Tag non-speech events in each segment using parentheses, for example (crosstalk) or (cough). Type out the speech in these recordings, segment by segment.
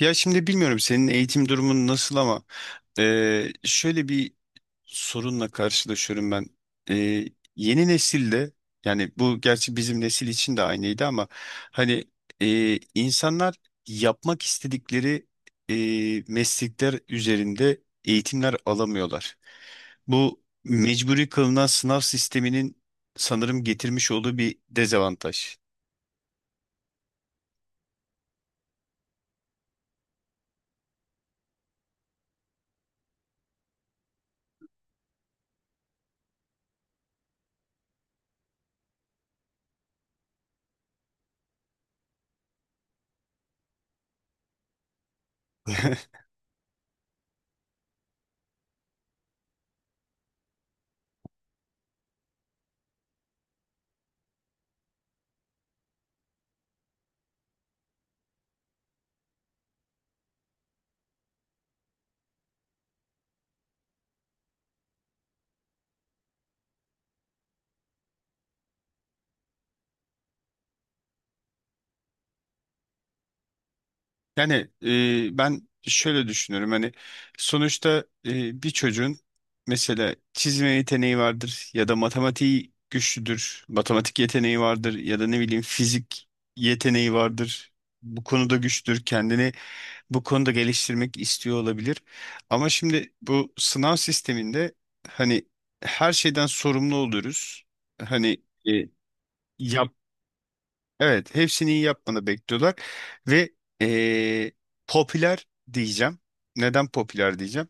Ya şimdi bilmiyorum senin eğitim durumun nasıl ama şöyle bir sorunla karşılaşıyorum ben. Yeni nesilde, yani bu gerçi bizim nesil için de aynıydı ama hani insanlar yapmak istedikleri meslekler üzerinde eğitimler alamıyorlar. Bu mecburi kılınan sınav sisteminin sanırım getirmiş olduğu bir dezavantaj. (laughs) Yani ben şöyle düşünüyorum. Hani sonuçta bir çocuğun mesela çizme yeteneği vardır ya da matematiği güçlüdür, matematik yeteneği vardır ya da ne bileyim fizik yeteneği vardır. Bu konuda güçlüdür, kendini bu konuda geliştirmek istiyor olabilir. Ama şimdi bu sınav sisteminde hani her şeyden sorumlu oluruz. Hani e, yap evet, hepsini iyi yapmanı bekliyorlar ve eee, popüler diyeceğim. Neden popüler diyeceğim?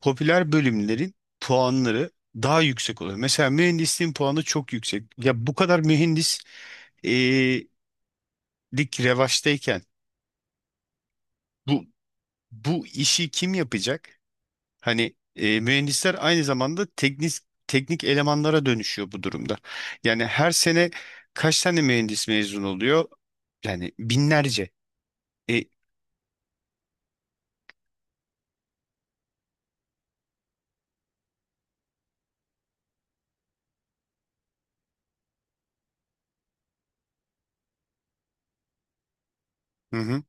Popüler bölümlerin puanları daha yüksek oluyor. Mesela mühendisliğin puanı çok yüksek. Ya bu kadar mühendislik revaçtayken bu bu işi kim yapacak? Hani mühendisler aynı zamanda teknik elemanlara dönüşüyor bu durumda. Yani her sene kaç tane mühendis mezun oluyor? Yani binlerce. E, hı hı.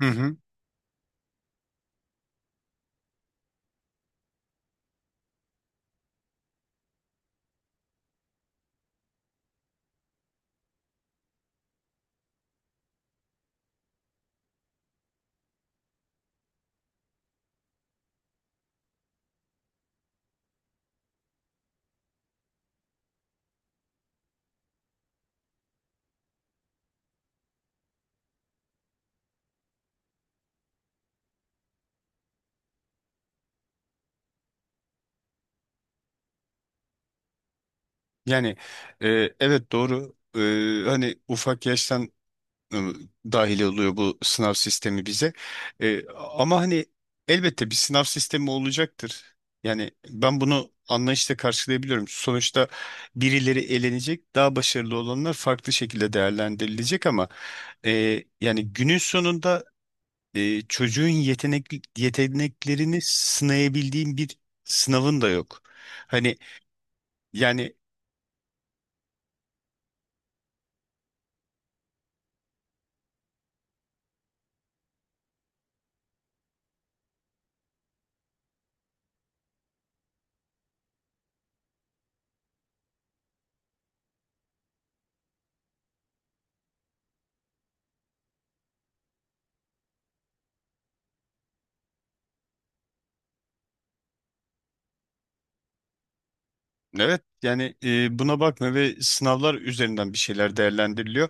Hı hı. Yani e, evet, doğru. Hani ufak yaştan e, dahil oluyor bu sınav sistemi bize. Ama hani elbette bir sınav sistemi olacaktır. Yani ben bunu anlayışla karşılayabiliyorum. Sonuçta birileri elenecek, daha başarılı olanlar farklı şekilde değerlendirilecek, ama yani günün sonunda çocuğun yeteneklerini sınayabildiğin bir sınavın da yok. Hani yani, evet, yani, buna bakma ve sınavlar üzerinden bir şeyler değerlendiriliyor.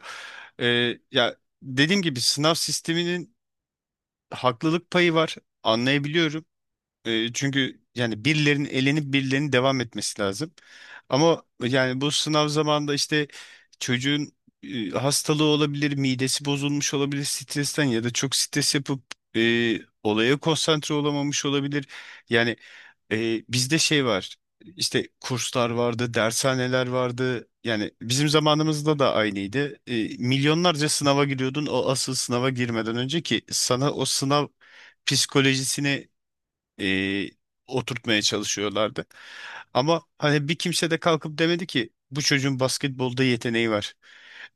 E, ya dediğim gibi sınav sisteminin haklılık payı var, anlayabiliyorum, çünkü yani birilerinin elenip birilerinin devam etmesi lazım. Ama yani bu sınav zamanında işte çocuğun hastalığı olabilir, midesi bozulmuş olabilir stresten ya da çok stres yapıp olaya konsantre olamamış olabilir. Yani bizde şey var. İşte kurslar vardı, dershaneler vardı. Yani bizim zamanımızda da aynıydı. Milyonlarca sınava giriyordun o asıl sınava girmeden önce, ki sana o sınav psikolojisini e, oturtmaya çalışıyorlardı. Ama hani bir kimse de kalkıp demedi ki bu çocuğun basketbolda yeteneği var.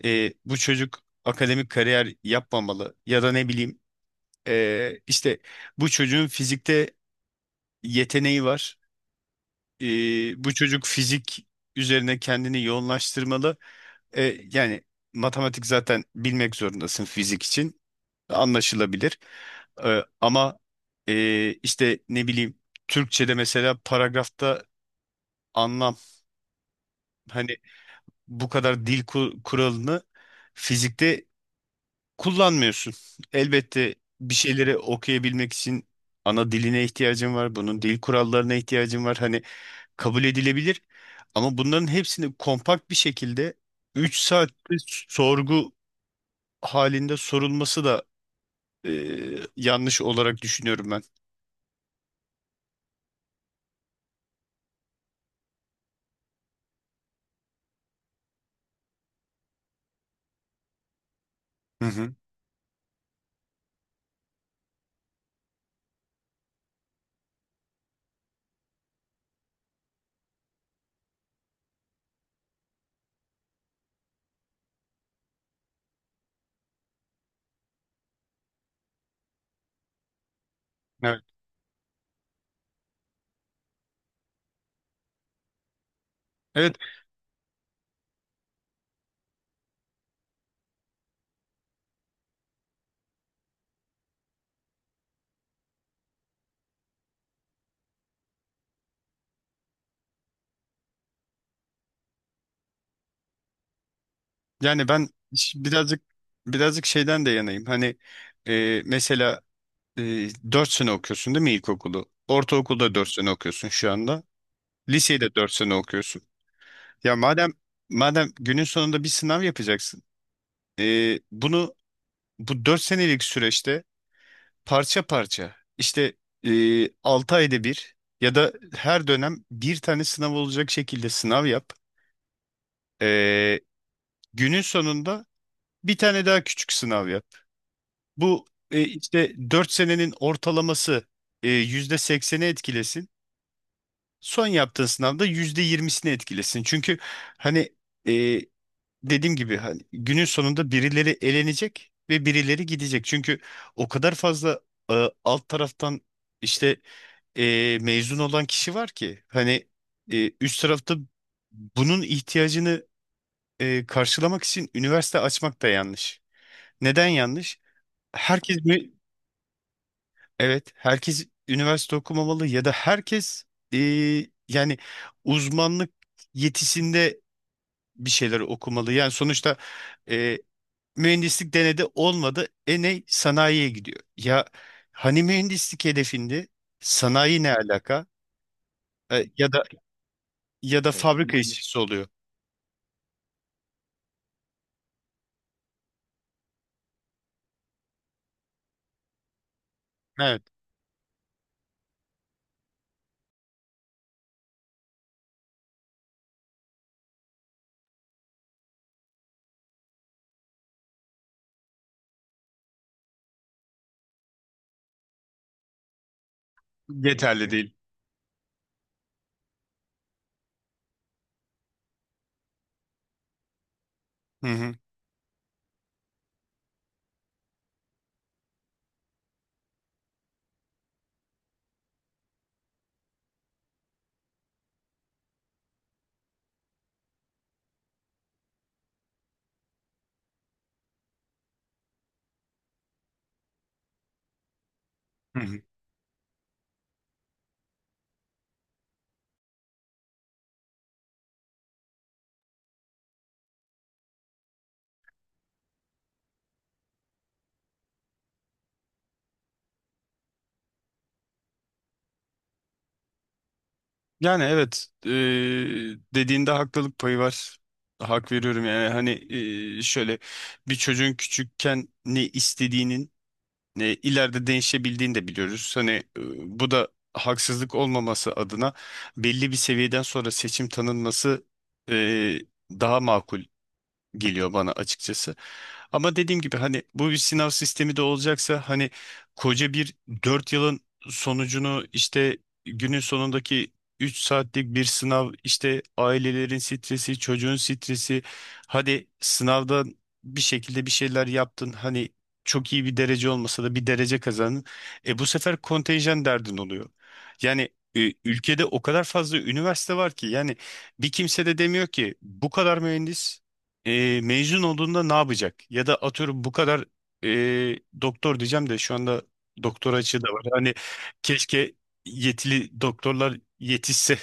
Bu çocuk akademik kariyer yapmamalı ya da ne bileyim işte bu çocuğun fizikte yeteneği var. E, bu çocuk fizik üzerine kendini yoğunlaştırmalı. E, yani matematik zaten bilmek zorundasın fizik için, anlaşılabilir. Ama işte ne bileyim, Türkçe'de mesela paragrafta anlam, hani bu kadar dil kuralını fizikte kullanmıyorsun. Elbette bir şeyleri okuyabilmek için ana diline ihtiyacın var. Bunun dil kurallarına ihtiyacın var. Hani kabul edilebilir. Ama bunların hepsini kompakt bir şekilde 3 saatte sorgu halinde sorulması da e, yanlış olarak düşünüyorum ben. Hı hı. Evet, yani ben, ş- birazcık birazcık şeyden de yanayım. Hani mesela e, 4 sene okuyorsun değil mi ilkokulu? Ortaokulda 4 sene okuyorsun şu anda. Liseyi de 4 sene okuyorsun. Ya madem günün sonunda bir sınav yapacaksın, bunu bu 4 senelik süreçte parça parça, işte 6 ayda bir ya da her dönem bir tane sınav olacak şekilde sınav yap. E, günün sonunda bir tane daha küçük sınav yap. Bu işte 4 senenin ortalaması %80'i etkilesin. Son yaptığın sınavda %20'sini etkilesin. Çünkü hani e, dediğim gibi hani günün sonunda birileri elenecek ve birileri gidecek. Çünkü o kadar fazla alt taraftan işte mezun olan kişi var ki, hani üst tarafta bunun ihtiyacını karşılamak için üniversite açmak da yanlış. Neden yanlış? Herkes mü- Evet, herkes üniversite okumamalı ya da herkes e, yani uzmanlık yetisinde bir şeyler okumalı. Yani sonuçta e, mühendislik denedi, olmadı. Ne? Sanayiye gidiyor. Ya hani mühendislik hedefinde sanayi ne alaka? Ya da evet, fabrika yanlış işçisi oluyor. Evet. Evet, yeterli, evet, değil. Hı hı. Hı hı. Yani evet, dediğinde haklılık payı var. Hak veriyorum. Yani hani şöyle, bir çocuğun küçükken ne istediğinin ne ileride değişebildiğini de biliyoruz. Hani bu da haksızlık olmaması adına belli bir seviyeden sonra seçim tanınması e, daha makul geliyor bana açıkçası. Ama dediğim gibi hani bu bir sınav sistemi de olacaksa, hani koca bir 4 yılın sonucunu, işte günün sonundaki 3 saatlik bir sınav, işte ailelerin stresi, çocuğun stresi, hadi sınavdan bir şekilde bir şeyler yaptın, hani çok iyi bir derece olmasa da bir derece kazandın. Bu sefer kontenjan derdin oluyor. Yani ülkede o kadar fazla üniversite var ki, yani bir kimse de demiyor ki bu kadar mühendis mezun olduğunda ne yapacak? Ya da atıyorum bu kadar doktor diyeceğim, de şu anda doktor açığı da var. Hani keşke yetili doktorlar yetişse,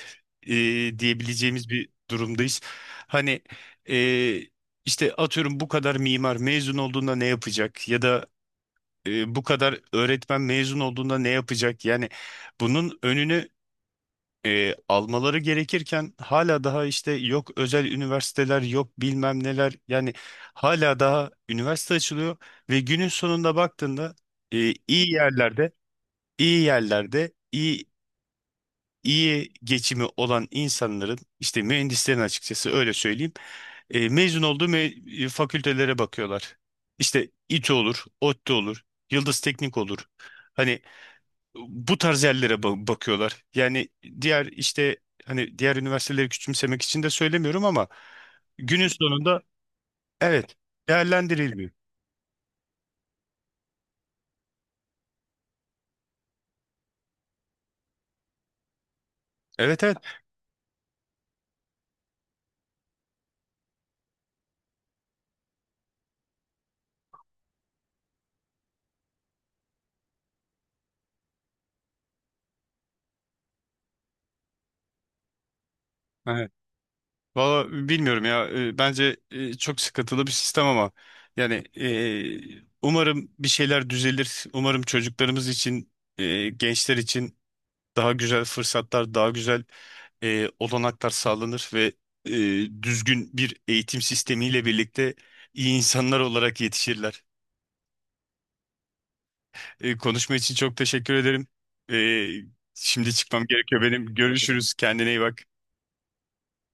diyebileceğimiz bir durumdayız. Hani e, işte atıyorum bu kadar mimar mezun olduğunda ne yapacak? Ya da bu kadar öğretmen mezun olduğunda ne yapacak? Yani bunun önünü almaları gerekirken hala daha, işte yok özel üniversiteler, yok bilmem neler, yani hala daha üniversite açılıyor ve günün sonunda baktığında e, iyi yerlerde iyi yerlerde iyi geçimi olan insanların, işte mühendislerin, açıkçası öyle söyleyeyim, mezun olduğu fakültelere bakıyorlar. İşte İTÜ olur, ODTÜ olur, Yıldız Teknik olur. Hani bu tarz yerlere bakıyorlar. Yani diğer, işte hani diğer üniversiteleri küçümsemek için de söylemiyorum, ama günün sonunda, evet, değerlendirilmiyor. Evet, evet. Evet. Valla bilmiyorum ya. Bence çok sıkıntılı bir sistem, ama yani umarım bir şeyler düzelir. Umarım çocuklarımız için, gençler için daha güzel fırsatlar, daha güzel olanaklar sağlanır ve düzgün bir eğitim sistemiyle birlikte iyi insanlar olarak yetişirler. Konuşma için çok teşekkür ederim. E, şimdi çıkmam gerekiyor benim. Görüşürüz. Kendine iyi bak.